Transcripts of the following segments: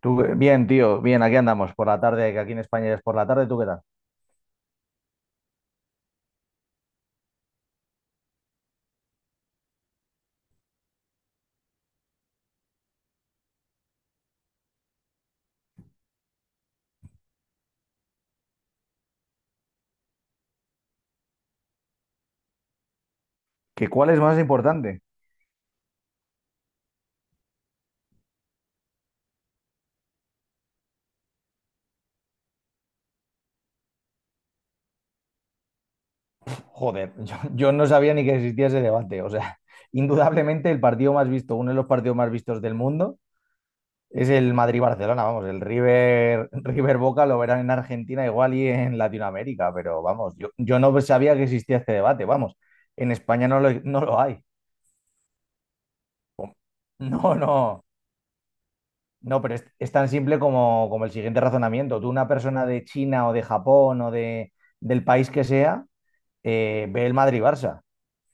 Tú, bien, tío, bien, aquí andamos por la tarde, que aquí en España es por la tarde, ¿tú qué tal? ¿Que cuál es más importante? Joder, yo no sabía ni que existía ese debate. O sea, indudablemente el partido más visto, uno de los partidos más vistos del mundo, es el Madrid-Barcelona, vamos, el River, River Boca lo verán en Argentina igual y en Latinoamérica, pero vamos, yo no sabía que existía este debate, vamos, en España no lo hay. No, no. No, pero es tan simple como, como el siguiente razonamiento. Tú, una persona de China o de Japón o de, del país que sea, ve el Madrid-Barça.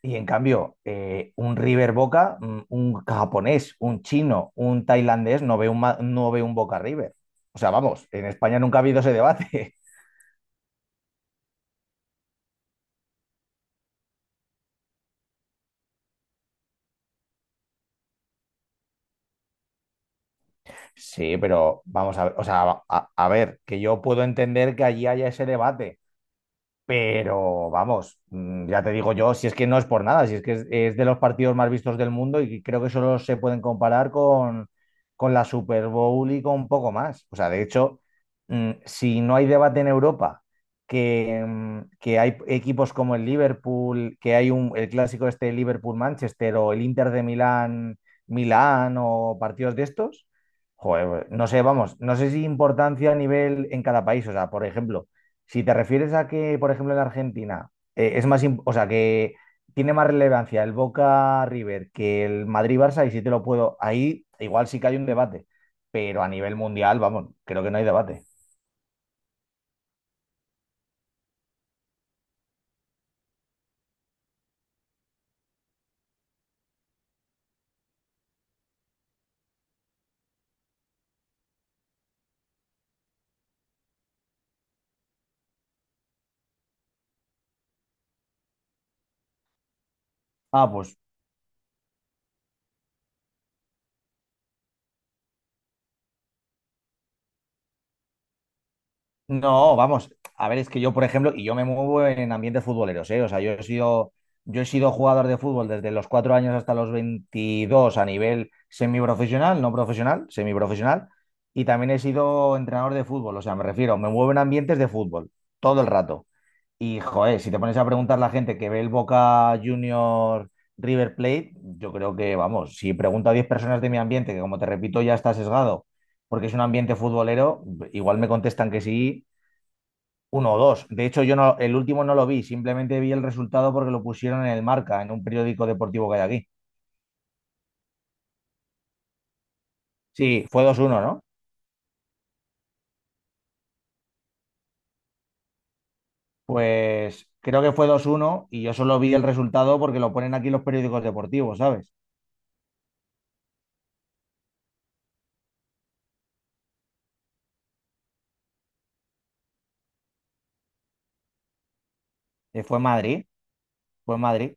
Y en cambio, un River Boca, un japonés, un chino, un tailandés, no ve un, no ve un Boca River. O sea, vamos, en España nunca ha habido ese debate. Sí, pero vamos a ver, o sea, a ver, que yo puedo entender que allí haya ese debate, pero vamos, ya te digo yo, si es que no es por nada, si es que es de los partidos más vistos del mundo y creo que solo se pueden comparar con la Super Bowl y con poco más. O sea, de hecho, si no hay debate en Europa, que, que hay equipos como el Liverpool, que hay un, el clásico este Liverpool-Manchester o el Inter de Milán-Milán o partidos de estos, joder, no sé, vamos, no sé si importancia a nivel en cada país. O sea, por ejemplo. Si te refieres a que, por ejemplo, en Argentina es más, o sea, que tiene más relevancia el Boca River que el Madrid Barça, y si te lo puedo, ahí igual sí que hay un debate, pero a nivel mundial, vamos, creo que no hay debate. Ah, pues no, vamos, a ver, es que yo, por ejemplo, y yo me muevo en ambientes futboleros, ¿eh? O sea, yo he sido jugador de fútbol desde los 4 años hasta los 22 a nivel semiprofesional, no profesional, semiprofesional, y también he sido entrenador de fútbol, o sea, me refiero, me muevo en ambientes de fútbol todo el rato. Y joder, si te pones a preguntar a la gente que ve el Boca Junior River Plate, yo creo que, vamos, si pregunto a 10 personas de mi ambiente, que como te repito ya está sesgado, porque es un ambiente futbolero, igual me contestan que sí uno o dos. De hecho, yo no, el último no lo vi, simplemente vi el resultado porque lo pusieron en el Marca, en un periódico deportivo que hay aquí. Sí, fue 2-1, ¿no? Pues creo que fue 2-1 y yo solo vi el resultado porque lo ponen aquí los periódicos deportivos, ¿sabes? Fue Madrid, fue Madrid.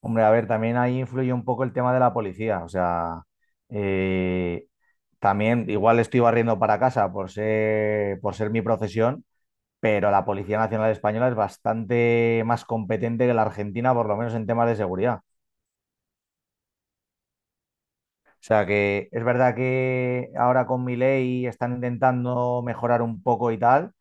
Hombre, a ver, también ahí influye un poco el tema de la policía, o sea, eh, también igual estoy barriendo para casa por ser mi profesión, pero la Policía Nacional Española es bastante más competente que la Argentina, por lo menos en temas de seguridad. O sea que es verdad que ahora con Milei están intentando mejorar un poco y tal,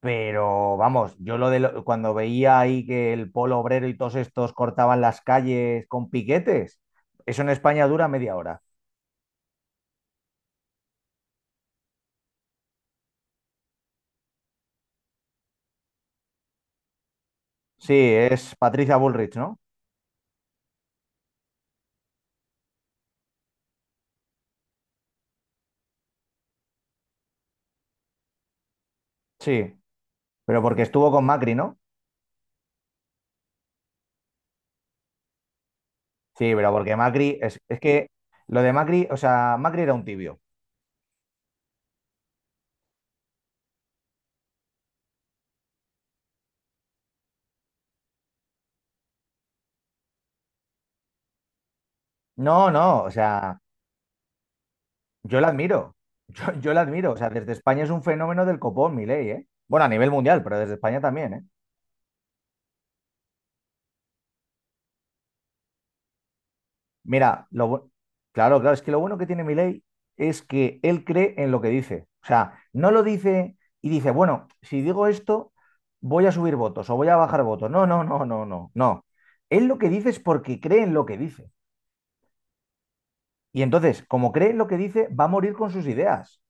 pero vamos, yo lo de cuando veía ahí que el polo obrero y todos estos cortaban las calles con piquetes, eso en España dura media hora. Sí, es Patricia Bullrich, ¿no? Sí, pero porque estuvo con Macri, ¿no? Sí, pero porque Macri, es que lo de Macri, o sea, Macri era un tibio. No, no, o sea, yo la admiro. Yo la admiro. O sea, desde España es un fenómeno del copón, Milei, ¿eh? Bueno, a nivel mundial, pero desde España también, ¿eh? Mira, lo, claro, claro, es que lo bueno que tiene Milei es que él cree en lo que dice. O sea, no lo dice y dice, bueno, si digo esto, voy a subir votos o voy a bajar votos. No, no, no, no, no, no. Él lo que dice es porque cree en lo que dice. Y entonces, como cree en lo que dice, va a morir con sus ideas.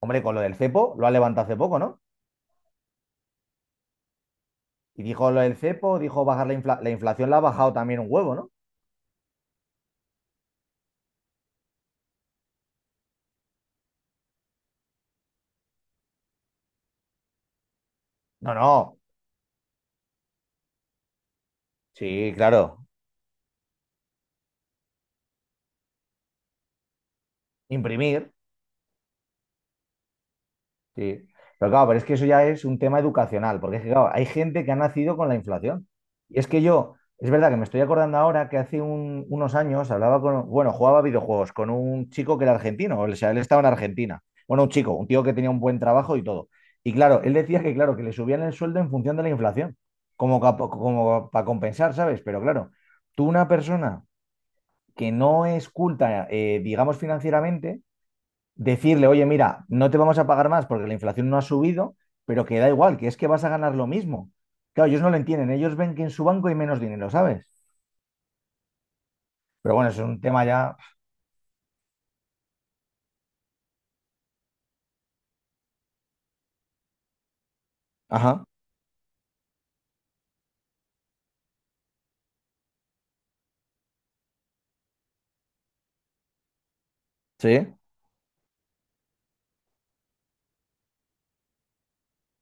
Hombre, con lo del cepo, lo ha levantado hace poco, ¿no? Y dijo lo del cepo, dijo bajar la, inflación la inflación, la ha bajado también un huevo, ¿no? No, no. Sí, claro. Imprimir. Sí. Pero claro, pero es que eso ya es un tema educacional, porque es que, claro, hay gente que ha nacido con la inflación. Y es que yo, es verdad que me estoy acordando ahora que hace unos años hablaba con, bueno, jugaba videojuegos con un chico que era argentino, o sea, él estaba en Argentina. Bueno, un chico, un tío que tenía un buen trabajo y todo. Y claro, él decía que, claro, que le subían el sueldo en función de la inflación, como, como para compensar, ¿sabes? Pero claro, tú una persona que no es culta, digamos, financieramente, decirle, oye, mira, no te vamos a pagar más porque la inflación no ha subido, pero que da igual, que es que vas a ganar lo mismo. Claro, ellos no lo entienden, ellos ven que en su banco hay menos dinero, ¿sabes? Pero bueno, eso es un tema ya. Ajá, sí,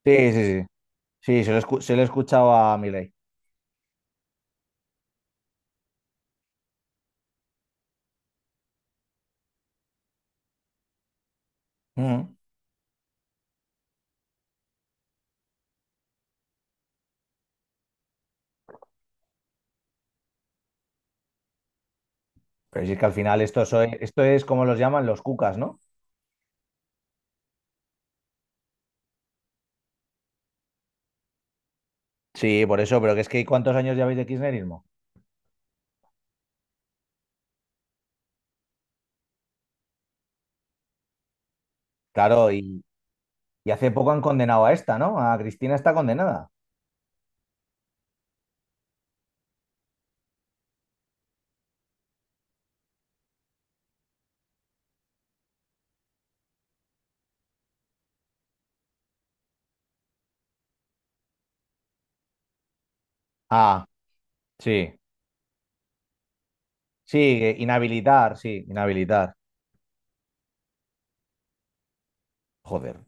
sí, sí, sí. Sí, se lo, se lo he escuchado a Milei. Ujú. Pero si es que al final esto, esto es como los llaman los cucas, ¿no? Sí, por eso, pero que es que ¿cuántos años lleváis de kirchnerismo? Claro, y hace poco han condenado a esta, ¿no? A Cristina está condenada. Ah, sí. Sí, inhabilitar, sí, inhabilitar. Joder.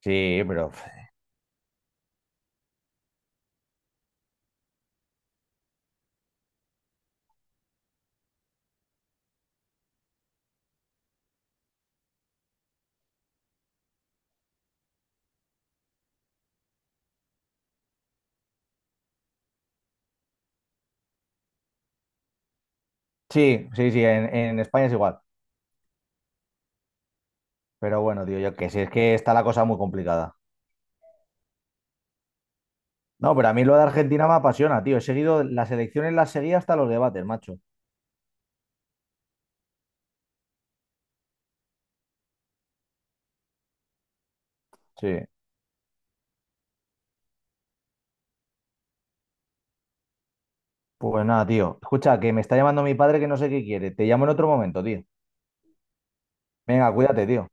Sí, pero. Sí, sí, sí, en España es igual. Pero bueno, tío, yo que sé, es que está la cosa muy complicada. No, pero a mí lo de Argentina me apasiona, tío. He seguido las elecciones, las seguí hasta los debates, macho. Sí. Pues nada, tío. Escucha, que me está llamando mi padre que no sé qué quiere. Te llamo en otro momento, tío. Venga, cuídate, tío.